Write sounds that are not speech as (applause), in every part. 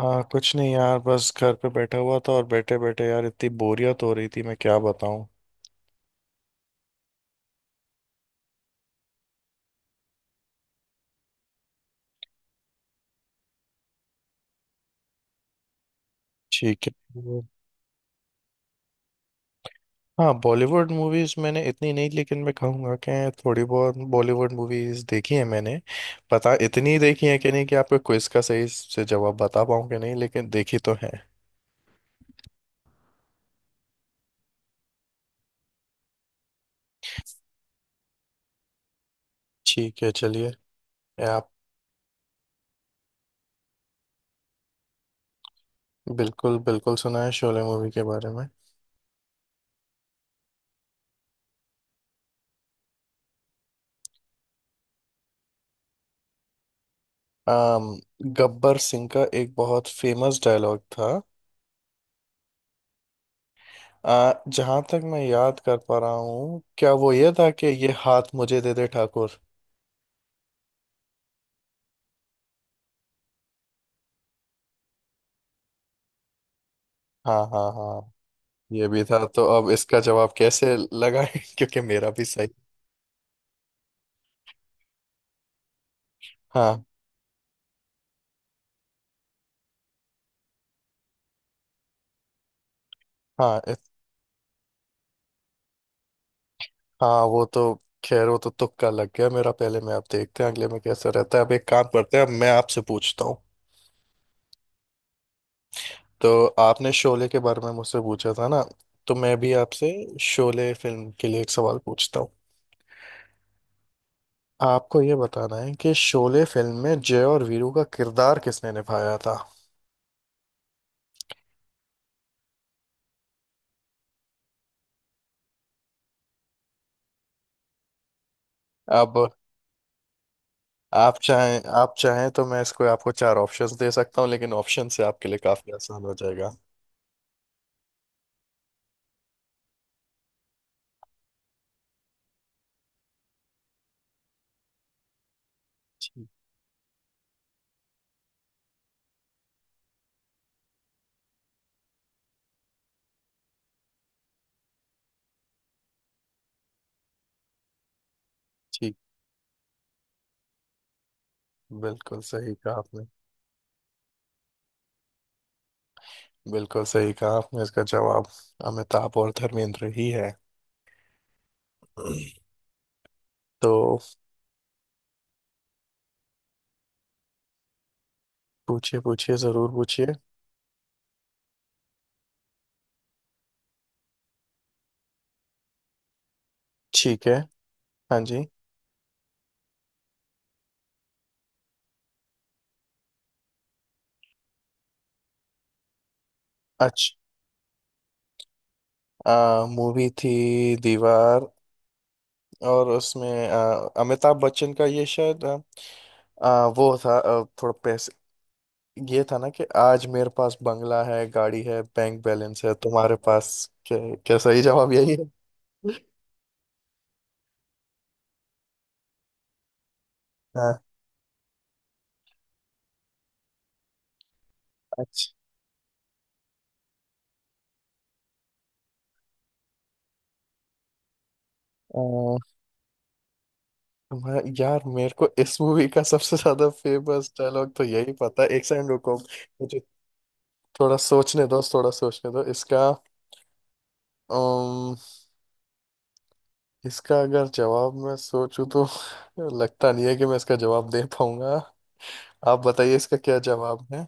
कुछ नहीं यार बस घर पे बैठा हुआ था और बैठे बैठे यार इतनी बोरियत हो रही थी, मैं क्या बताऊं। ठीक है। वो- हाँ बॉलीवुड मूवीज मैंने इतनी नहीं, लेकिन मैं कहूँगा कि थोड़ी बहुत बॉलीवुड मूवीज देखी है मैंने। पता इतनी देखी है कि नहीं कि आपको क्विज का सही से जवाब बता पाऊँ कि नहीं, लेकिन देखी तो है। ठीक है, चलिए। ये आप। बिल्कुल बिल्कुल, सुना है शोले मूवी के बारे में। अम गब्बर सिंह का एक बहुत फेमस डायलॉग था। जहां तक मैं याद कर पा रहा हूँ, क्या वो ये था कि ये हाथ मुझे दे दे ठाकुर। हाँ हाँ हाँ, ये भी था, तो अब इसका जवाब कैसे लगाए (laughs) क्योंकि मेरा भी सही। हाँ हाँ। हाँ वो तो। खैर वो तो तुक्का लग गया मेरा पहले में। आप देखते हैं अगले में कैसा रहता है। अब एक काम करते हैं, अब मैं आपसे पूछता हूँ। तो आपने शोले के बारे में मुझसे पूछा था ना, तो मैं भी आपसे शोले फिल्म के लिए एक सवाल पूछता हूँ। आपको ये बताना है कि शोले फिल्म में जय और वीरू का किरदार किसने निभाया था। अब आप चाहें, आप चाहें तो मैं इसको आपको चार ऑप्शंस दे सकता हूँ, लेकिन ऑप्शन से आपके लिए काफी आसान हो जाएगा। ठीक, ठीक। बिल्कुल सही कहा आपने। बिल्कुल सही कहा आपने, इसका जवाब अमिताभ और धर्मेंद्र ही है, तो। पूछिए, पूछिए, जरूर पूछिए। ठीक है। हाँ जी। अच्छा मूवी थी दीवार। और उसमें अमिताभ बच्चन का ये, शायद आ, आ, वो था, थोड़ा ये था ना कि, आज मेरे पास बंगला है, गाड़ी है, बैंक बैलेंस है, तुम्हारे पास क्या? क्या सही जवाब यही है? हाँ, अच्छा। अ, मैं यार, मेरे को इस मूवी का सबसे ज्यादा फेमस डायलॉग तो यही पता है, एक सेकंड रुको मुझे। थोड़ा सोचने दो, थोड़ा सोचने दो इसका। अम, इसका अगर जवाब मैं सोचूं तो लगता नहीं है कि मैं इसका जवाब दे पाऊंगा। आप बताइए इसका क्या जवाब है।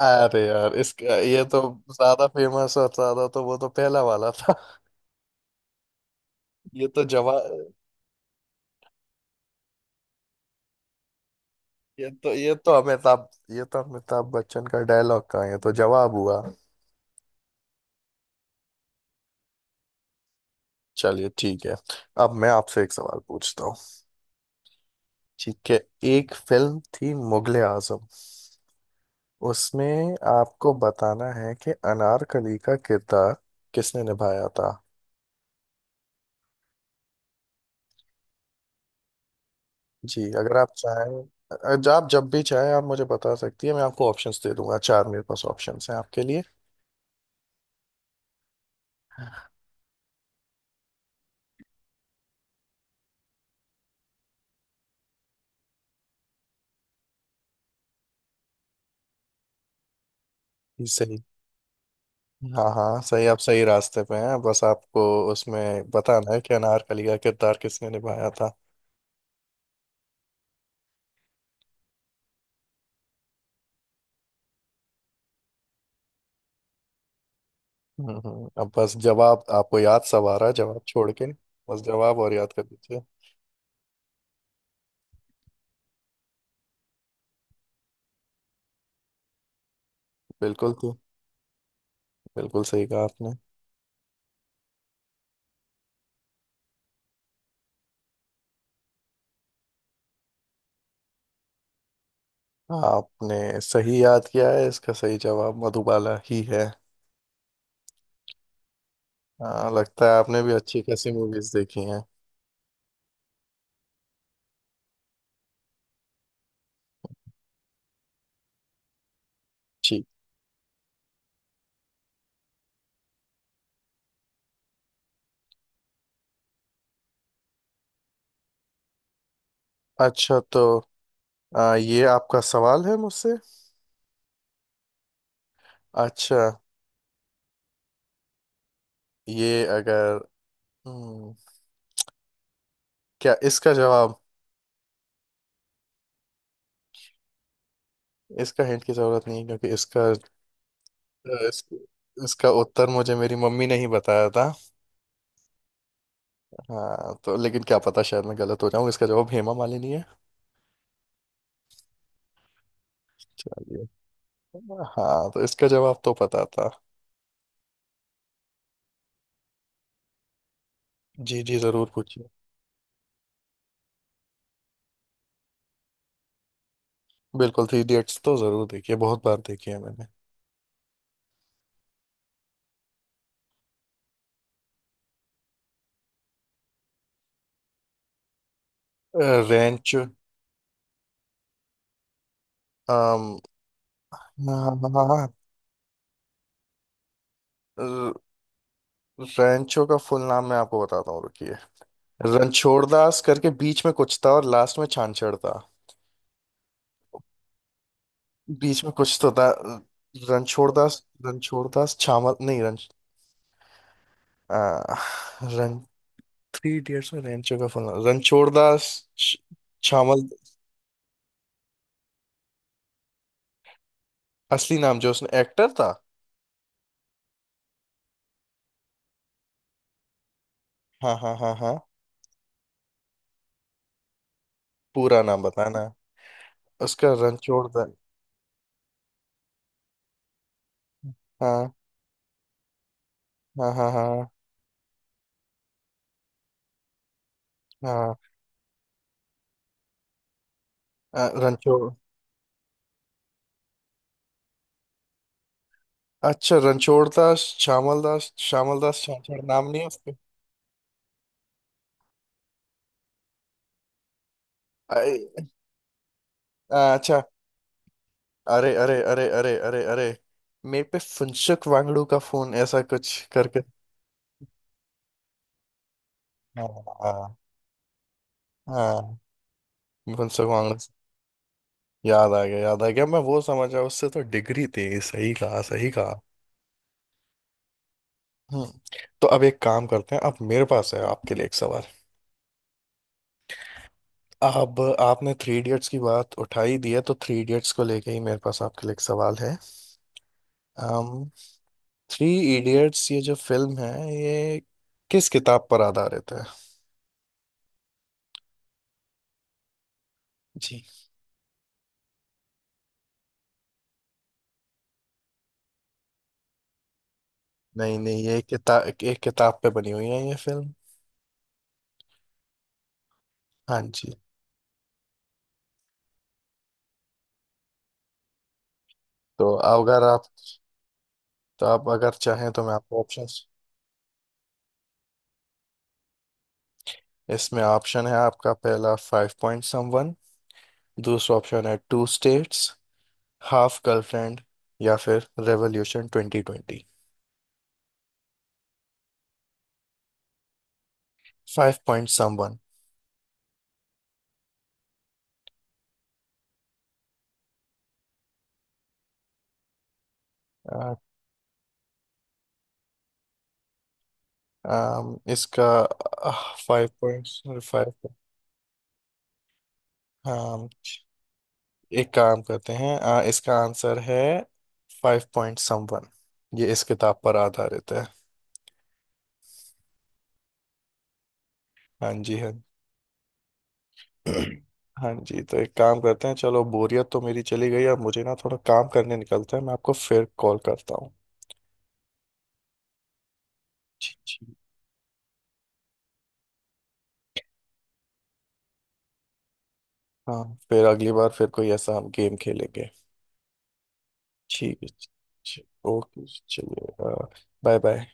अरे यार, इसका ये तो ज्यादा फेमस और ज्यादा, तो वो तो पहला वाला था। ये तो जवाब। ये तो अमिताभ बच्चन का डायलॉग का है, ये तो जवाब हुआ। चलिए, ठीक है। अब मैं आपसे एक सवाल पूछता हूँ। ठीक है। एक फिल्म थी मुगले आजम, उसमें आपको बताना है कि अनारकली का किरदार किसने निभाया था। जी, अगर आप चाहें। आप जब भी चाहें आप मुझे बता सकती है, मैं आपको ऑप्शंस दे दूंगा, चार मेरे पास ऑप्शंस हैं आपके लिए। सही। हाँ हाँ सही, आप सही रास्ते पे हैं, बस आपको उसमें बताना है कि अनारकली का किरदार किसने निभाया था। अब बस जवाब आपको याद सब आ रहा है, जवाब छोड़ के। बस जवाब और याद कर दीजिए। बिल्कुल तो। बिल्कुल सही कहा आपने। आपने सही याद किया है, इसका सही जवाब मधुबाला ही है। हाँ, लगता है आपने भी अच्छी खासी मूवीज देखी हैं। ठीक। अच्छा, तो ये आपका सवाल है मुझसे। अच्छा ये अगर। हम्म, क्या इसका जवाब। इसका हिंट की जरूरत नहीं है, क्योंकि इस, इसका उत्तर मुझे मेरी मम्मी ने ही बताया था। हाँ, तो लेकिन क्या पता, शायद मैं गलत हो जाऊं, इसका जवाब हेमा मालिनी है। चलिए। हाँ, तो इसका जवाब तो पता था। जी जी, जरूर पूछिए। बिल्कुल, थ्री इडियट्स तो जरूर देखिए, बहुत बार देखी है मैंने। रेंचो। रेंचो का फुल नाम मैं आपको बताता हूँ, रुकिए। रणछोड़दास करके बीच में कुछ था, और लास्ट में छानछड़ था। बीच में कुछ तो था। रणछोड़ दास, रणछोड़ दास छामल, नहीं रन। आ, रन। थ्री इडियट्स में रेंचो का फोन रणछोड़ दास छ- छामल। असली नाम जो उसने एक्टर था। हाँ हाँ हाँ हाँ। पूरा नाम बताना उसका रणछोड़ दास। हाँ हाँ हाँ हाँ हाँ। रणछोड़। अच्छा रणछोड़ दास श्यामल दास, श्यामल दास छाछड़ नाम नहीं है उसके। अरे, अच्छा। अरे अरे अरे अरे अरे अरे। मेरे पे फुनसुक वांगड़ू का फोन, ऐसा कुछ करके। हाँ हाँ हाँ, मुंसो कांग्रेस। याद आ गया, याद आ गया, मैं वो समझा उससे तो डिग्री थी, सही कहा, सही कहा। हम्म। तो अब एक काम करते हैं, अब मेरे पास है आपके लिए एक सवाल। अब आपने थ्री इडियट्स की बात उठाई दी है, तो थ्री इडियट्स को लेके ही मेरे पास आपके लिए एक सवाल है। um, थ्री इडियट्स ये जो फिल्म है, ये किस किताब पर आधारित है? जी। नहीं नहीं, ये किताब, एक किताब पे बनी हुई है ये फिल्म। हाँ जी। तो अगर आप तो आप अगर चाहें तो मैं आपको ऑप्शन। इसमें ऑप्शन है आपका, पहला फाइव पॉइंट समवन। दूसरा ऑप्शन है टू स्टेट्स। Half girlfriend. या फिर रेवोल्यूशन 2020। Five point someone. इसका फाइव पॉइंट फाइव। हाँ। एक काम करते हैं, इसका आंसर है फाइव पॉइंट समवन। ये इस किताब पर आधारित है। हाँ जी हाँ। (clears throat) हाँ जी, तो एक काम करते हैं, चलो बोरियत तो मेरी चली गई, अब मुझे ना थोड़ा काम करने निकलता है, मैं आपको फिर कॉल करता हूँ। ठीक ठीक। हाँ, फिर अगली बार फिर कोई ऐसा हम गेम खेलेंगे। ठीक है, ओके, चलिए। Bye bye.